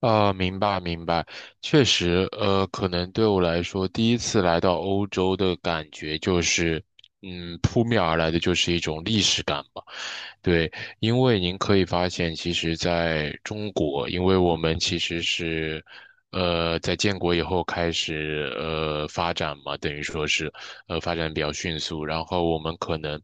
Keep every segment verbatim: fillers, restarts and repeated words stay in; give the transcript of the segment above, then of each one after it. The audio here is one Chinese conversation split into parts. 啊，明白明白，确实，呃，可能对我来说，第一次来到欧洲的感觉就是，嗯，扑面而来的就是一种历史感吧。对，因为您可以发现，其实在中国，因为我们其实是，呃，在建国以后开始，呃，发展嘛，等于说是，呃，发展比较迅速，然后我们可能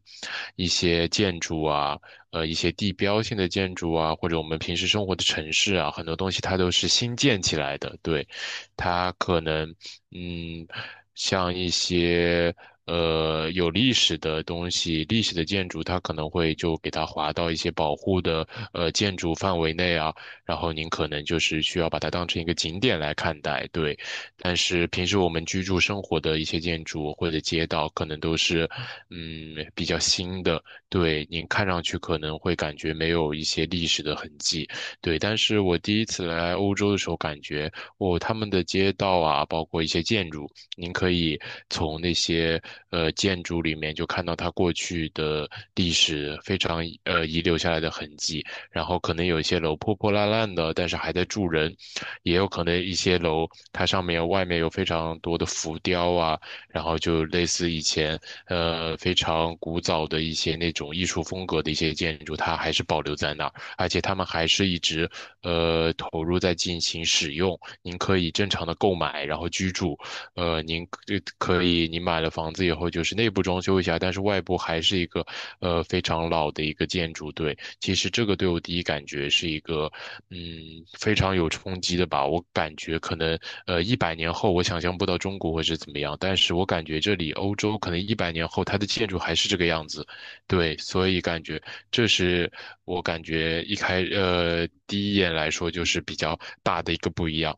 一些建筑啊。呃一些地标性的建筑啊，或者我们平时生活的城市啊，很多东西它都是新建起来的。对，它可能嗯，像一些呃有历史的东西、历史的建筑，它可能会就给它划到一些保护的呃建筑范围内啊，然后您可能就是需要把它当成一个景点来看待。对。但是平时我们居住生活的一些建筑或者街道，可能都是，嗯，比较新的，对，您看上去可能会感觉没有一些历史的痕迹，对。但是我第一次来欧洲的时候，感觉哦，他们的街道啊，包括一些建筑，您可以从那些呃建筑里面就看到它过去的历史非常呃遗留下来的痕迹。然后可能有一些楼破破烂烂的，但是还在住人，也有可能一些楼它上面外面有非常多的浮雕啊。然后就类似以前呃非常古早的一些那种艺术风格的一些建筑，它还是保留在那儿，而且他们还是一直呃投入在进行使用。您可以正常的购买，然后居住，呃，您可可以您买了房子以后就是内部装修一下，但是外部还是一个呃非常老的一个建筑，对。其实这个对我第一感觉是一个，嗯，非常有冲击的吧。我感觉可能，呃，一百年后我想象不到中国会是怎么样，但是我感觉这里欧洲可能一百年后它的建筑还是这个样子，对，所以感觉这是我感觉一开，呃，第一眼来说就是比较大的一个不一样。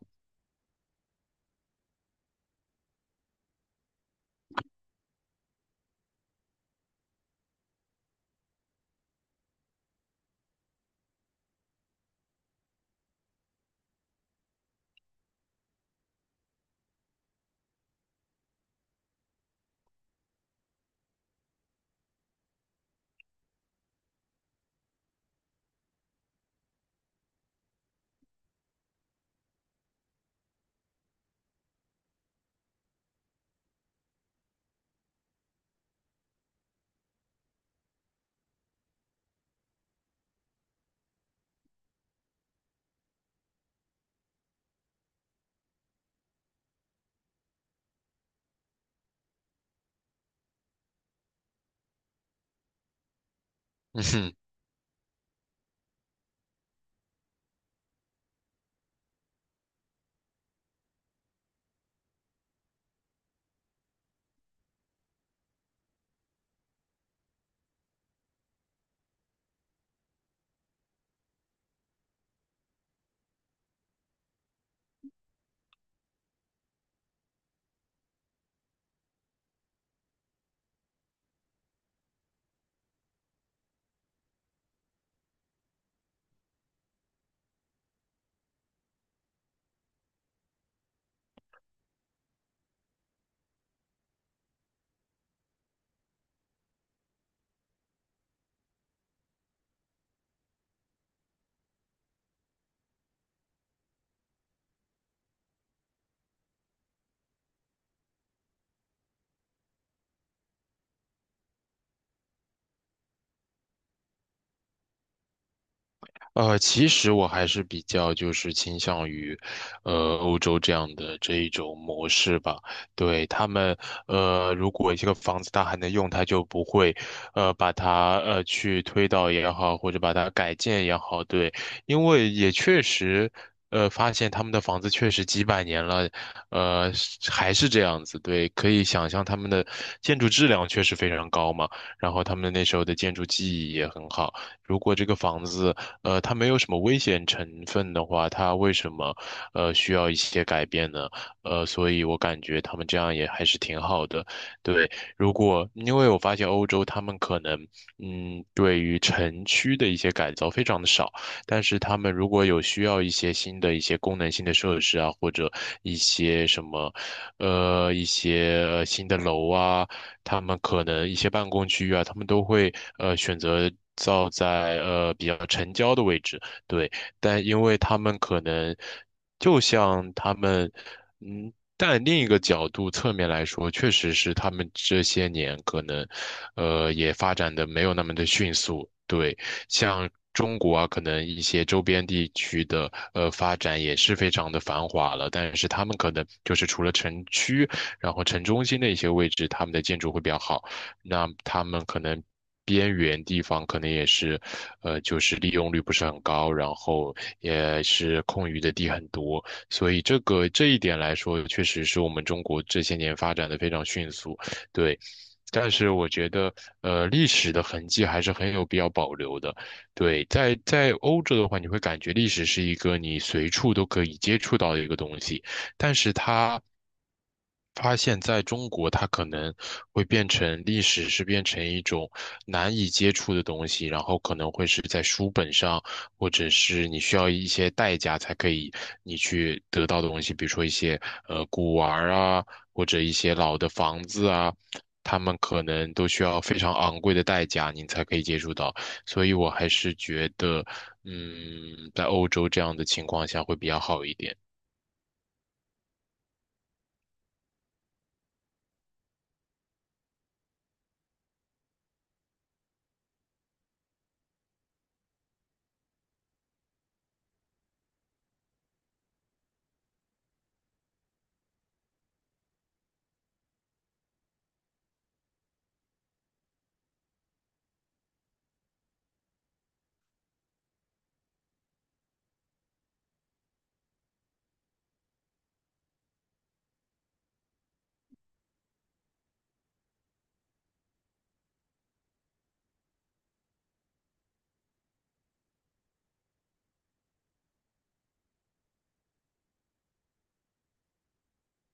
呃，其实我还是比较就是倾向于，呃，欧洲这样的这一种模式吧。对他们，呃，如果这个房子它还能用，它就不会，呃，把它呃去推倒也好，或者把它改建也好。对，因为也确实，呃，发现他们的房子确实几百年了，呃，是还是这样子。对，可以想象他们的建筑质量确实非常高嘛，然后他们那时候的建筑技艺也很好。如果这个房子，呃，它没有什么危险成分的话，它为什么呃需要一些改变呢？呃，所以我感觉他们这样也还是挺好的。对，如果因为我发现欧洲他们可能嗯对于城区的一些改造非常的少，但是他们如果有需要一些新的一些功能性的设施啊，或者一些什么呃一些呃新的楼啊。他们可能一些办公区域啊，他们都会呃选择造在呃比较城郊的位置，对，但因为他们可能就像他们，嗯。但另一个角度侧面来说，确实是他们这些年可能，呃，也发展的没有那么的迅速。对，像中国啊，可能一些周边地区的呃发展也是非常的繁华了，但是他们可能就是除了城区然后城中心的一些位置，他们的建筑会比较好。那他们可能边缘地方可能也是，呃，就是利用率不是很高，然后也是空余的地很多。所以这个这一点来说，确实是我们中国这些年发展的非常迅速，对。但是我觉得，呃，历史的痕迹还是很有必要保留的。对，在在欧洲的话，你会感觉历史是一个你随处都可以接触到的一个东西。但是他发现在中国，它可能会变成历史是变成一种难以接触的东西，然后可能会是在书本上，或者是你需要一些代价才可以你去得到的东西，比如说一些呃古玩儿啊，或者一些老的房子啊。他们可能都需要非常昂贵的代价，你才可以接触到，所以我还是觉得，嗯，在欧洲这样的情况下会比较好一点。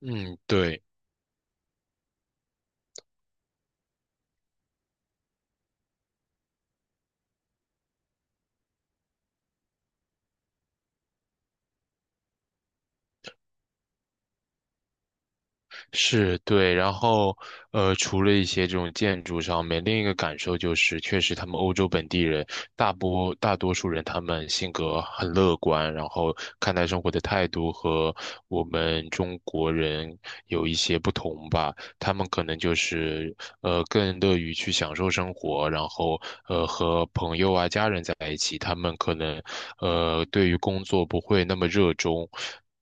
嗯，对。是对，然后呃，除了一些这种建筑上面，另一个感受就是，确实他们欧洲本地人大波大多数人他们性格很乐观，然后看待生活的态度和我们中国人有一些不同吧。他们可能就是呃更乐于去享受生活，然后呃和朋友啊家人在一起，他们可能呃，对于工作不会那么热衷，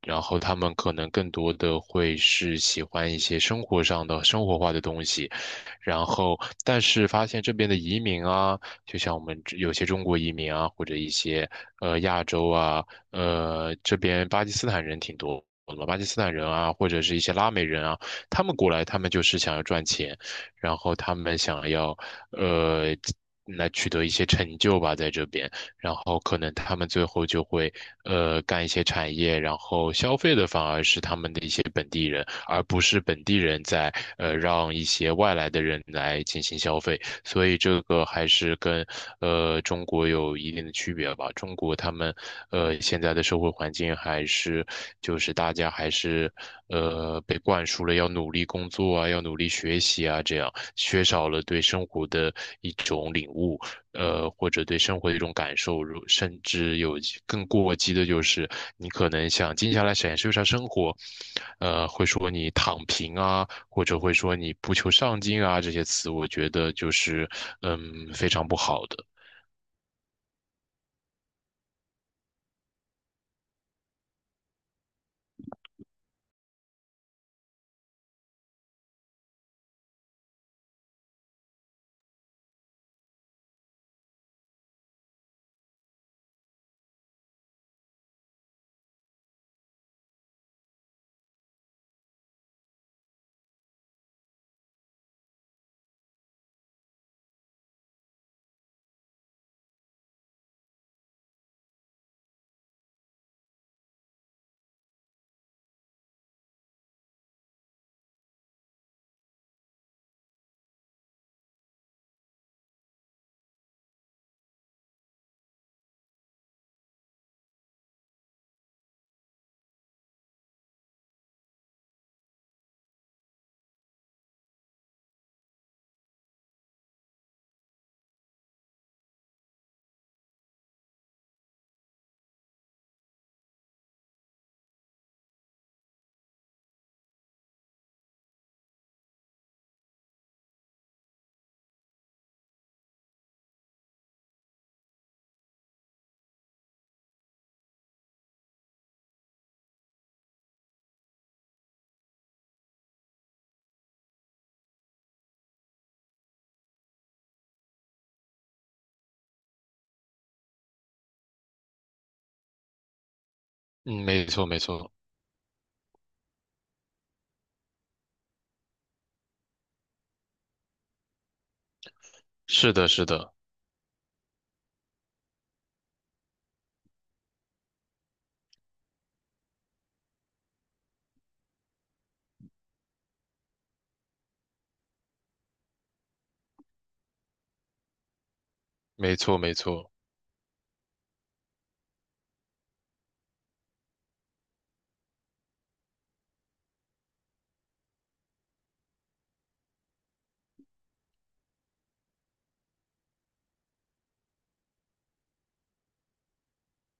然后他们可能更多的会是喜欢一些生活上的生活化的东西，然后但是发现这边的移民啊，就像我们这有些中国移民啊，或者一些呃亚洲啊，呃这边巴基斯坦人挺多。的嘛巴基斯坦人啊，或者是一些拉美人啊，他们过来，他们就是想要赚钱，然后他们想要，呃，来取得一些成就吧，在这边。然后可能他们最后就会呃干一些产业，然后消费的反而是他们的一些本地人，而不是本地人在呃让一些外来的人来进行消费，所以这个还是跟呃中国有一定的区别吧。中国他们呃现在的社会环境还是就是大家还是呃被灌输了要努力工作啊，要努力学习啊，这样缺少了对生活的一种领悟。呃，或者对生活的一种感受，如甚至有一更过激的，就是你可能想静下来享受一下生活，呃，会说你躺平啊，或者会说你不求上进啊，这些词，我觉得就是嗯非常不好的。嗯，没错没错，是的是的，没错没错。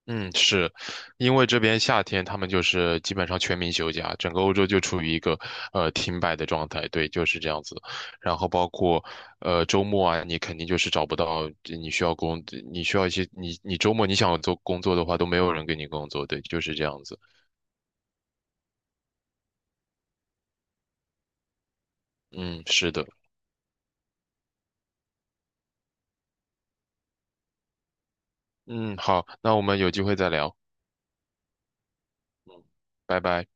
嗯，是，因为这边夏天他们就是基本上全民休假，整个欧洲就处于一个呃停摆的状态，对，就是这样子。然后包括呃周末啊，你肯定就是找不到你需要工，你需要一些你你周末你想做工作的话，都没有人给你工作，对，就是这样子。嗯，是的，嗯，好，那我们有机会再聊，嗯，拜拜。